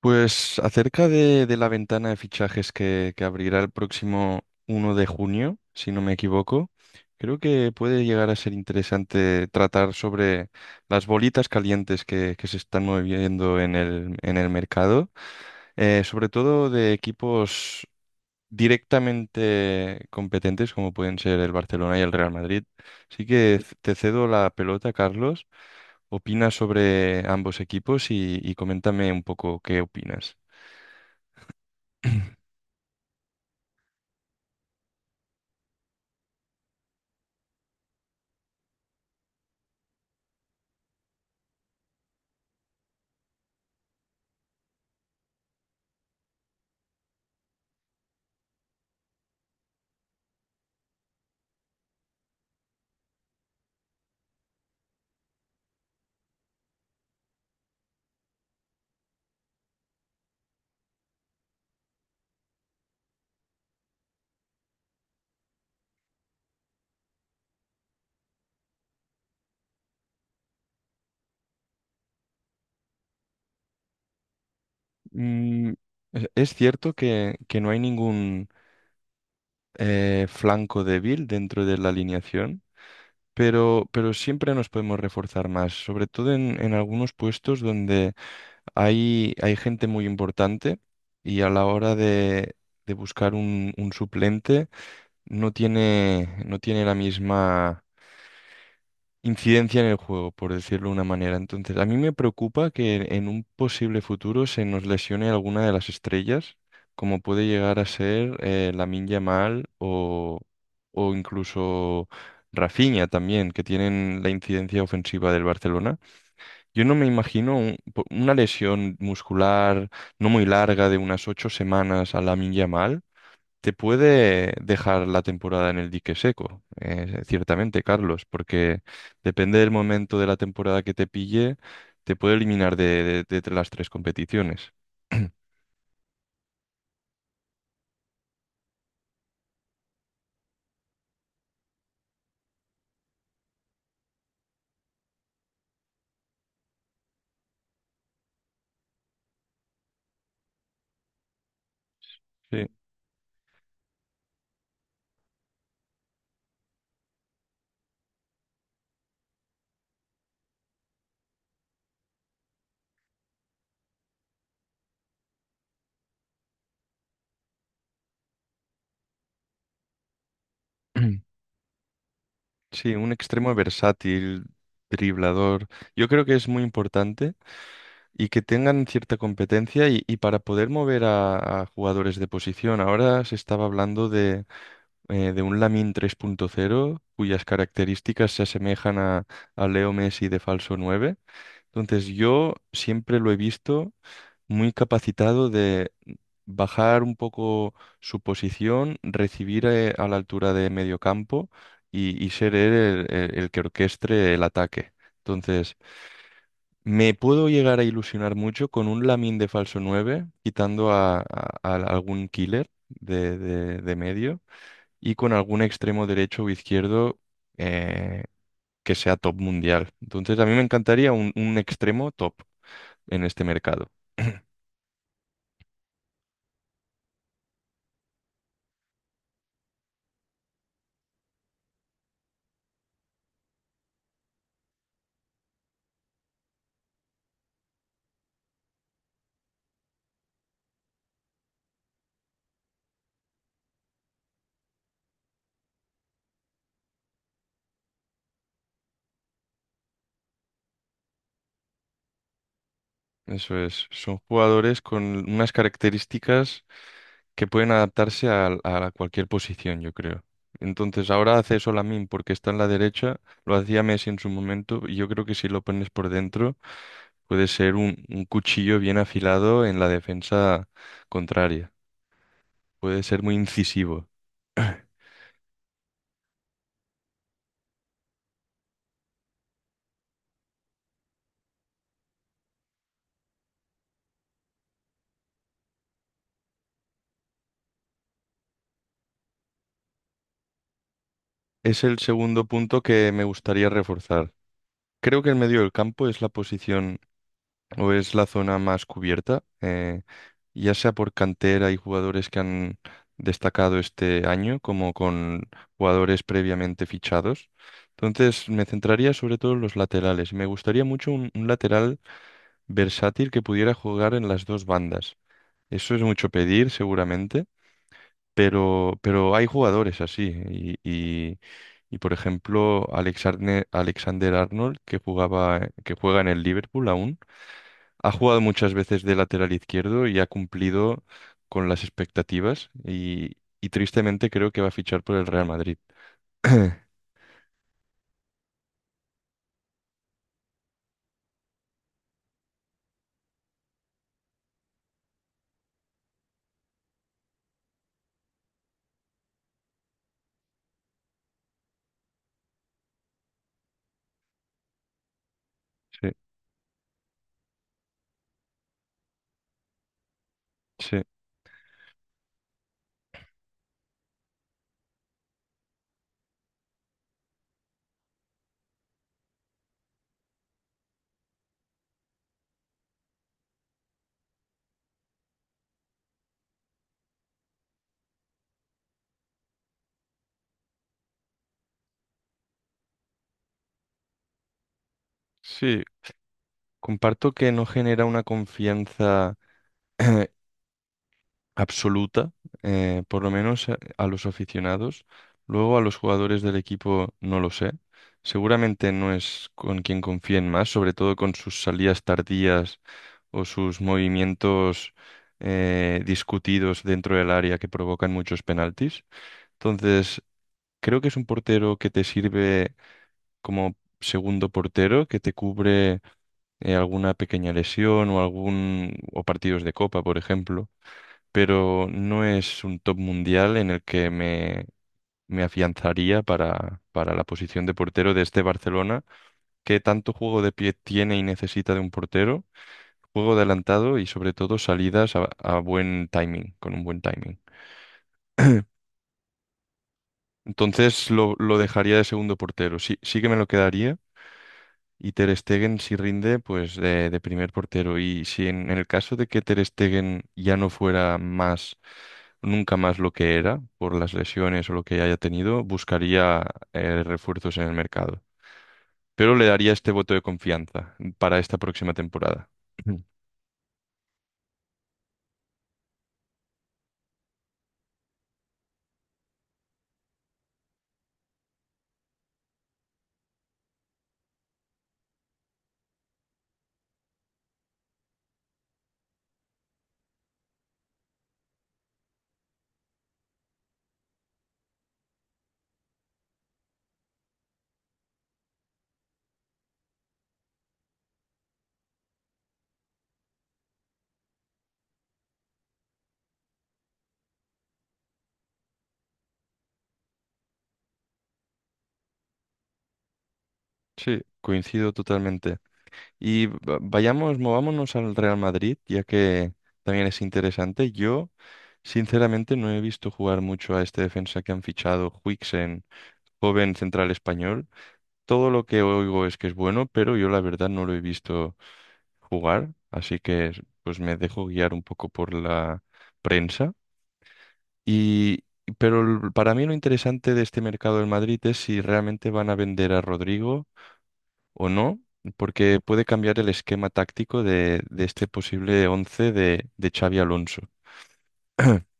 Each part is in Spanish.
Pues acerca de la ventana de fichajes que abrirá el próximo 1 de junio, si no me equivoco, creo que puede llegar a ser interesante tratar sobre las bolitas calientes que se están moviendo en el mercado, sobre todo de equipos directamente competentes como pueden ser el Barcelona y el Real Madrid. Así que te cedo la pelota, Carlos. Opina sobre ambos equipos y coméntame un poco qué opinas. Mm, es cierto que no hay ningún flanco débil dentro de la alineación, pero siempre nos podemos reforzar más, sobre todo en algunos puestos donde hay gente muy importante y a la hora de buscar un suplente no tiene la misma incidencia en el juego, por decirlo de una manera. Entonces, a mí me preocupa que en un posible futuro se nos lesione alguna de las estrellas, como puede llegar a ser la Lamine Yamal o incluso Rafinha también, que tienen la incidencia ofensiva del Barcelona. Yo no me imagino una lesión muscular no muy larga de unas 8 semanas a Lamine Yamal te puede dejar la temporada en el dique seco, ciertamente, Carlos, porque depende del momento de la temporada que te pille, te puede eliminar de las tres competiciones. Sí. Sí, un extremo versátil, driblador. Yo creo que es muy importante y que tengan cierta competencia y para poder mover a jugadores de posición. Ahora se estaba hablando de un Lamin 3.0 cuyas características se asemejan a Leo Messi de falso nueve. Entonces yo siempre lo he visto muy capacitado de bajar un poco su posición, recibir a la altura de medio campo y ser él el que orquestre el ataque. Entonces, me puedo llegar a ilusionar mucho con un Lamin de falso 9 quitando a algún killer de medio y con algún extremo derecho o izquierdo eh, que sea top mundial. Entonces, a mí me encantaría un extremo top en este mercado. Eso es, son jugadores con unas características que pueden adaptarse a cualquier posición, yo creo. Entonces, ahora hace eso Lamine porque está en la derecha, lo hacía Messi en su momento, y yo creo que si lo pones por dentro, puede ser un cuchillo bien afilado en la defensa contraria. Puede ser muy incisivo. Es el segundo punto que me gustaría reforzar. Creo que el medio del campo es la posición o es la zona más cubierta, ya sea por cantera y jugadores que han destacado este año, como con jugadores previamente fichados. Entonces me centraría sobre todo en los laterales. Me gustaría mucho un lateral versátil que pudiera jugar en las dos bandas. Eso es mucho pedir, seguramente, pero hay jugadores así. Y, y- y, por ejemplo, Alexander Arnold, que juega en el Liverpool aún. Ha jugado muchas veces de lateral izquierdo y ha cumplido con las expectativas y tristemente creo que va a fichar por el Real Madrid. Sí, sí, sí. Comparto que no genera una confianza absoluta, por lo menos a los aficionados. Luego a los jugadores del equipo no lo sé. Seguramente no es con quien confíen más, sobre todo con sus salidas tardías o sus movimientos discutidos dentro del área que provocan muchos penaltis. Entonces, creo que es un portero que te sirve como segundo portero, que te cubre alguna pequeña lesión o algún o partidos de copa, por ejemplo, pero no es un top mundial en el que me afianzaría para la posición de portero de este Barcelona, que tanto juego de pie tiene y necesita de un portero juego adelantado y sobre todo salidas a buen timing, con un buen timing. Entonces lo dejaría de segundo portero. Sí, sí que me lo quedaría. Y Ter Stegen, si rinde, pues de primer portero. Y si en el caso de que Ter Stegen ya no fuera más, nunca más lo que era, por las lesiones o lo que haya tenido, buscaría refuerzos en el mercado. Pero le daría este voto de confianza para esta próxima temporada. Sí, coincido totalmente. Y vayamos, movámonos al Real Madrid, ya que también es interesante. Yo, sinceramente, no he visto jugar mucho a este defensa que han fichado, Huijsen, joven central español. Todo lo que oigo es que es bueno, pero yo la verdad no lo he visto jugar, así que pues me dejo guiar un poco por la prensa. Y pero para mí lo interesante de este mercado del Madrid es si realmente van a vender a Rodrigo o no, porque puede cambiar el esquema táctico de este posible 11 de Xavi Alonso.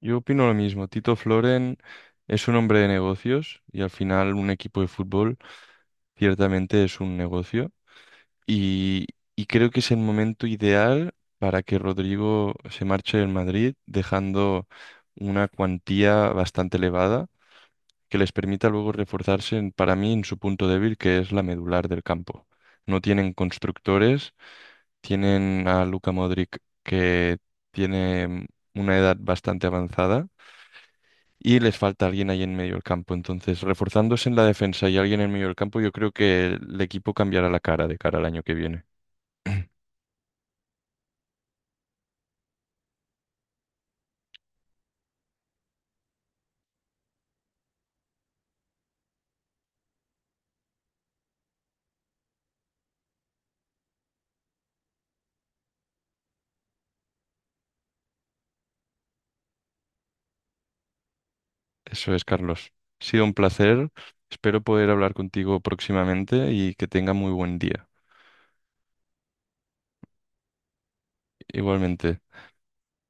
Yo opino lo mismo. Tito Floren es un hombre de negocios y al final un equipo de fútbol ciertamente es un negocio y, y creo que es el momento ideal para que Rodrigo se marche del Madrid dejando una cuantía bastante elevada que les permita luego reforzarse para mí en su punto débil que es la medular del campo. No tienen constructores. Tienen a Luka Modric que tiene una edad bastante avanzada y les falta alguien ahí en medio del campo. Entonces, reforzándose en la defensa y alguien en medio del campo, yo creo que el equipo cambiará la cara de cara al año que viene. Eso es, Carlos. Ha sido un placer. Espero poder hablar contigo próximamente y que tenga muy buen día. Igualmente.